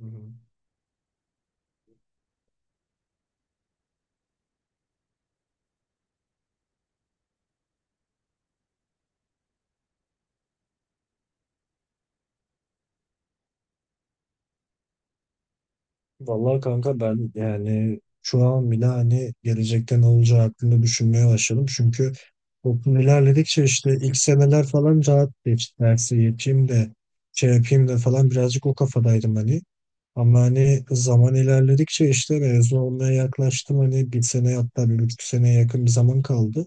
Hı hı. Vallahi kanka, ben yani şu an bile hani gelecekte ne olacağı hakkında düşünmeye başladım. Çünkü toplum ilerledikçe işte ilk seneler falan rahat geçti. Dersi yeteyim de şey yapayım da falan, birazcık o kafadaydım hani. Ama hani zaman ilerledikçe işte mezun olmaya yaklaştım. Hani bir sene, hatta 1,5 seneye yakın bir zaman kaldı.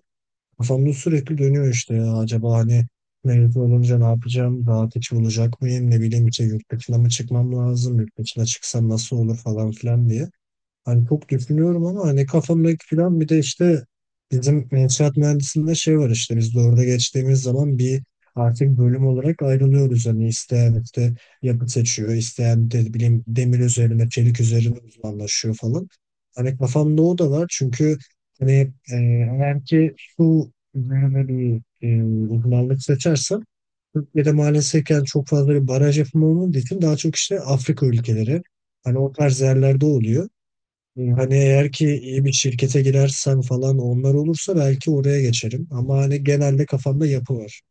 Kafamda sürekli dönüyor işte, ya acaba hani mezun olunca ne yapacağım? Rahat içi olacak mıyım? Ne bileyim işte, yurt dışına mı çıkmam lazım? Yurt dışına çıksam nasıl olur falan filan diye. Hani çok düşünüyorum ama hani kafamdaki plan, bir de işte bizim inşaat mühendisliğinde şey var, işte biz de orada geçtiğimiz zaman bir artık bölüm olarak ayrılıyoruz. Hani isteyen işte yapı seçiyor, isteyen de bileyim demir üzerine, çelik üzerine uzmanlaşıyor falan. Hani kafamda o da var, çünkü hani eğer ki su üzerine bir e, uzmanlık seçersem, Türkiye'de maalesef yani çok fazla bir baraj yapımı olmadığı için daha çok işte Afrika ülkeleri, hani o tarz yerlerde oluyor. Hani eğer ki iyi bir şirkete girersem falan, onlar olursa belki oraya geçerim. Ama hani genelde kafamda yapı var.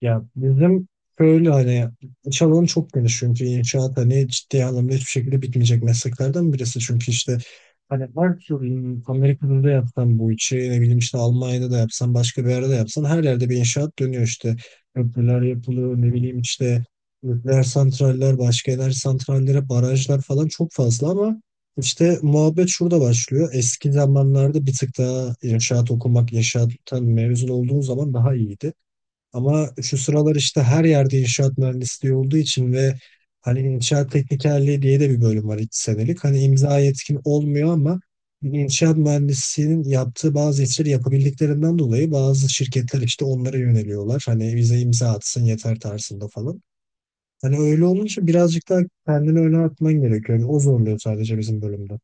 Ya bizim böyle hani iş alanı çok geniş, çünkü inşaat hani ciddi anlamda hiçbir şekilde bitmeyecek mesleklerden birisi. Çünkü işte hani her türlü Amerika'da da yapsan bu işi, ne bileyim işte, Almanya'da da yapsan, başka bir yerde de yapsan, her yerde bir inşaat dönüyor işte. Köprüler yapılıyor, ne bileyim işte, nükleer santraller, başka enerji santrallere, barajlar falan çok fazla, ama işte muhabbet şurada başlıyor. Eski zamanlarda bir tık daha inşaat okumak, inşaattan mezun olduğun zaman daha iyiydi. Ama şu sıralar işte her yerde inşaat mühendisliği olduğu için ve hani inşaat teknikerliği diye de bir bölüm var, 2 senelik. Hani imza yetkin olmuyor ama inşaat mühendisliğinin yaptığı bazı işleri yapabildiklerinden dolayı bazı şirketler işte onlara yöneliyorlar. Hani bize imza atsın yeter tarzında falan. Hani öyle olunca birazcık daha kendini öne atman gerekiyor. Yani o zorluyor sadece bizim bölümde.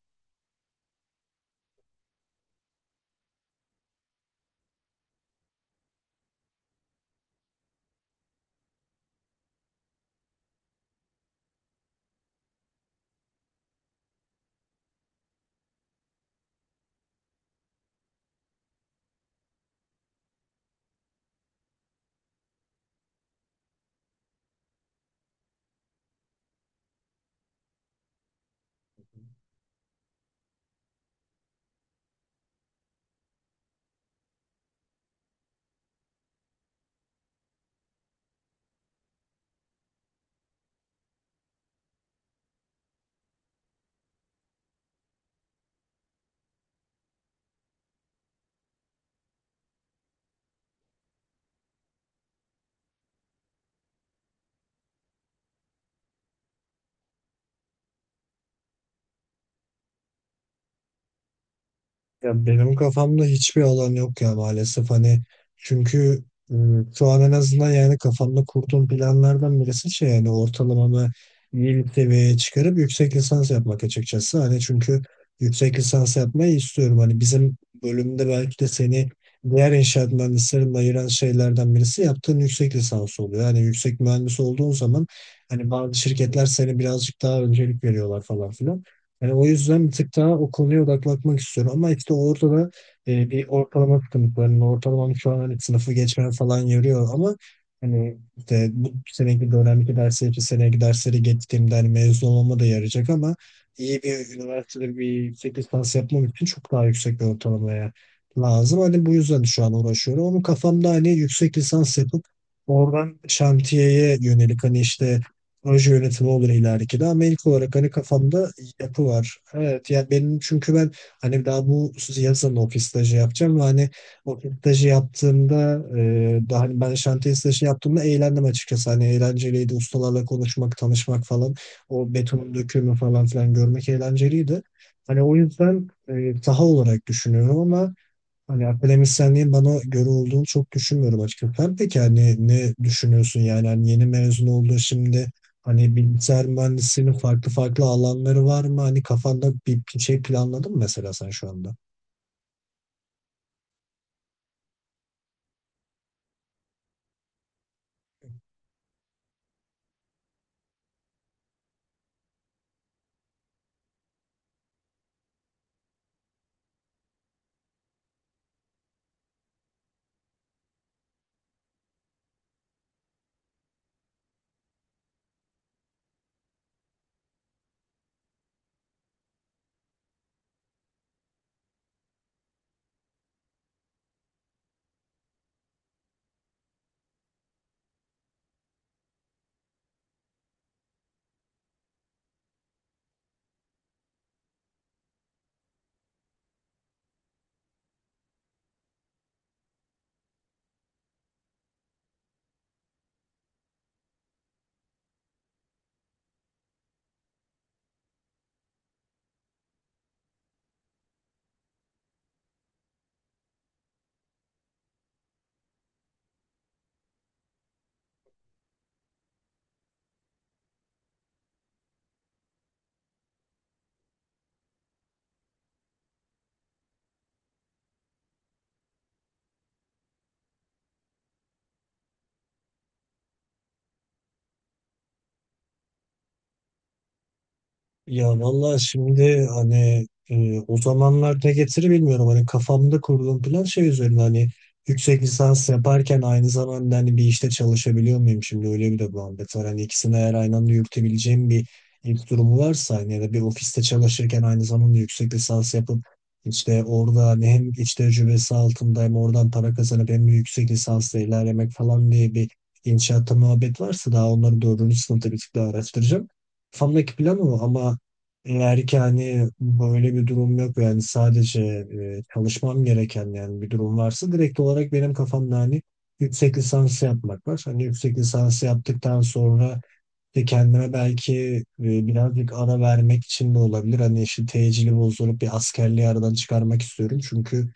Ya benim kafamda hiçbir alan yok ya maalesef hani, çünkü e, şu an en azından yani kafamda kurduğum planlardan birisi şey, yani ortalamamı iyi bir seviyeye çıkarıp yüksek lisans yapmak açıkçası. Hani çünkü yüksek lisans yapmayı istiyorum. Hani bizim bölümde belki de seni diğer inşaat mühendislerinden ayıran şeylerden birisi yaptığın yüksek lisans oluyor. Yani yüksek mühendis olduğun zaman hani bazı şirketler seni birazcık daha öncelik veriyorlar falan filan. Yani o yüzden bir tık daha o konuya odaklanmak istiyorum. Ama işte orada da bir ortalama sıkıntı var. Yani ortalamam şu an hani sınıfı geçmem falan yoruyor, ama hani işte bu seneki dönemki dersleri, bir seneki dersleri geçtiğimde hani mezun olmama da yarayacak, ama iyi bir üniversitede bir yüksek lisans yapmam için çok daha yüksek bir ortalamaya lazım. Hani bu yüzden şu an uğraşıyorum. Onun kafamda hani yüksek lisans yapıp oradan şantiyeye yönelik hani işte proje yönetimi olur ileriki de, ama ilk olarak hani kafamda yapı var. Evet, yani benim çünkü ben hani daha bu yazın ofis stajı yapacağım, ve hani ofis stajı yaptığımda daha hani ben şantiye stajı yaptığımda eğlendim açıkçası. Hani eğlenceliydi ustalarla konuşmak, tanışmak falan, o betonun dökümü falan filan görmek eğlenceliydi. Hani o yüzden saha olarak düşünüyorum, ama hani akademisyenliğin bana göre olduğunu çok düşünmüyorum açıkçası. Sen peki hani ne düşünüyorsun, yani hani yeni mezun oldun şimdi, hani bilgisayar mühendisliğinin farklı farklı alanları var mı? Hani kafanda bir şey planladın mı mesela sen şu anda? Ya vallahi şimdi hani o zamanlar ne getirir bilmiyorum. Hani kafamda kurduğum plan şey üzerine, hani yüksek lisans yaparken aynı zamanda hani bir işte çalışabiliyor muyum, şimdi öyle bir de muhabbet var. Hani ikisini eğer aynı anda yürütebileceğim bir ilk durumu varsa, hani ya da bir ofiste çalışırken aynı zamanda yüksek lisans yapıp işte orada hani hem iç tecrübesi altında hem oradan para kazanıp hem de yüksek lisansla ilerlemek falan diye bir inşaatta muhabbet varsa, daha onları dördüncü sınıfta bir tık daha araştıracağım. Kafamdaki plan o, ama eğer ki hani böyle bir durum yok, yani sadece çalışmam gereken yani bir durum varsa, direkt olarak benim kafamda hani yüksek lisans yapmak var. Hani yüksek lisans yaptıktan sonra de kendime belki birazcık ara vermek için de olabilir. Hani işte tecili bozdurup bir askerliği aradan çıkarmak istiyorum. Çünkü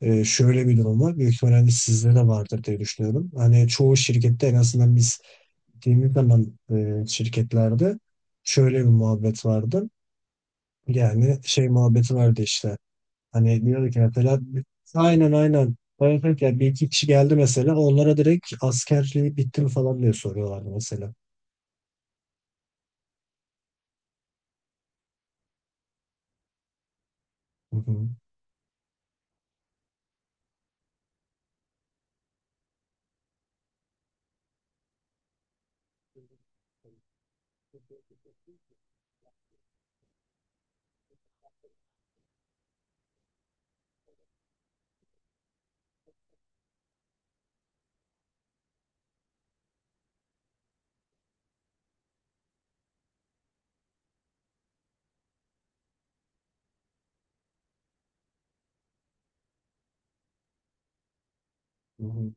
şöyle bir durum var. Büyük ihtimalle hani, sizde de vardır diye düşünüyorum. Hani çoğu şirkette, en azından biz gittiğimiz zaman, şirketlerde şöyle bir muhabbet vardı. Yani şey muhabbeti vardı işte. Hani diyordu ki mesela, aynen aynen. Bayılır ya, bir iki kişi geldi mesela, onlara direkt askerliği bitti mi falan diye soruyorlardı mesela. Hı hı. Hı hı.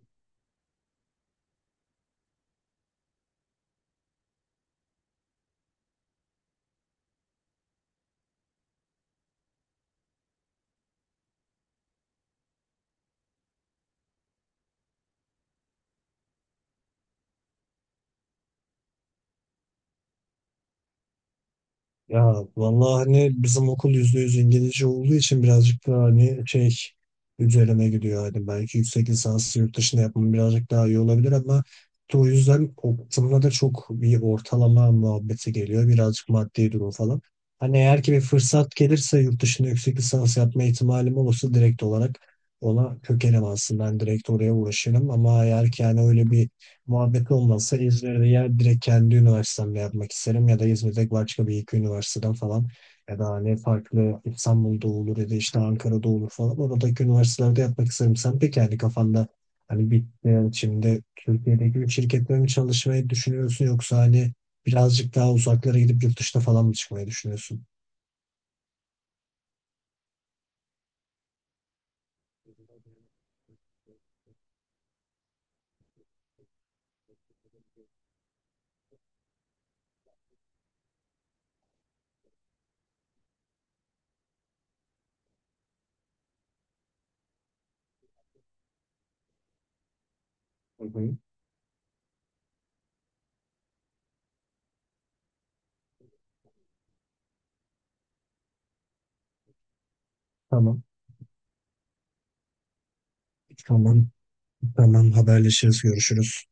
Ya vallahi hani bizim okul %100 İngilizce olduğu için birazcık daha hani şey üzerine gidiyor. Hani belki yüksek lisansı yurt dışında yapmam birazcık daha iyi olabilir, ama işte o yüzden okulda da çok bir ortalama muhabbeti geliyor. Birazcık maddi durum falan. Hani eğer ki bir fırsat gelirse, yurt dışında yüksek lisans yapma ihtimalim olursa, direkt olarak ona kökelim aslında. Ben direkt oraya uğraşırım, ama eğer ki yani öyle bir muhabbet olmazsa, İzmir'de ya direkt kendi üniversitemle yapmak isterim, ya da İzmir'de başka bir iki üniversiteden falan, ya da hani farklı İstanbul'da olur ya da işte Ankara'da olur falan, oradaki üniversitelerde yapmak isterim. Sen peki yani kafanda hani bir, yani şimdi Türkiye'deki bir şirkette mi çalışmayı düşünüyorsun yoksa hani birazcık daha uzaklara gidip yurt dışına falan mı çıkmayı düşünüyorsun? Hı hı. Tamam. Tamam. Tamam. Haberleşiriz. Görüşürüz.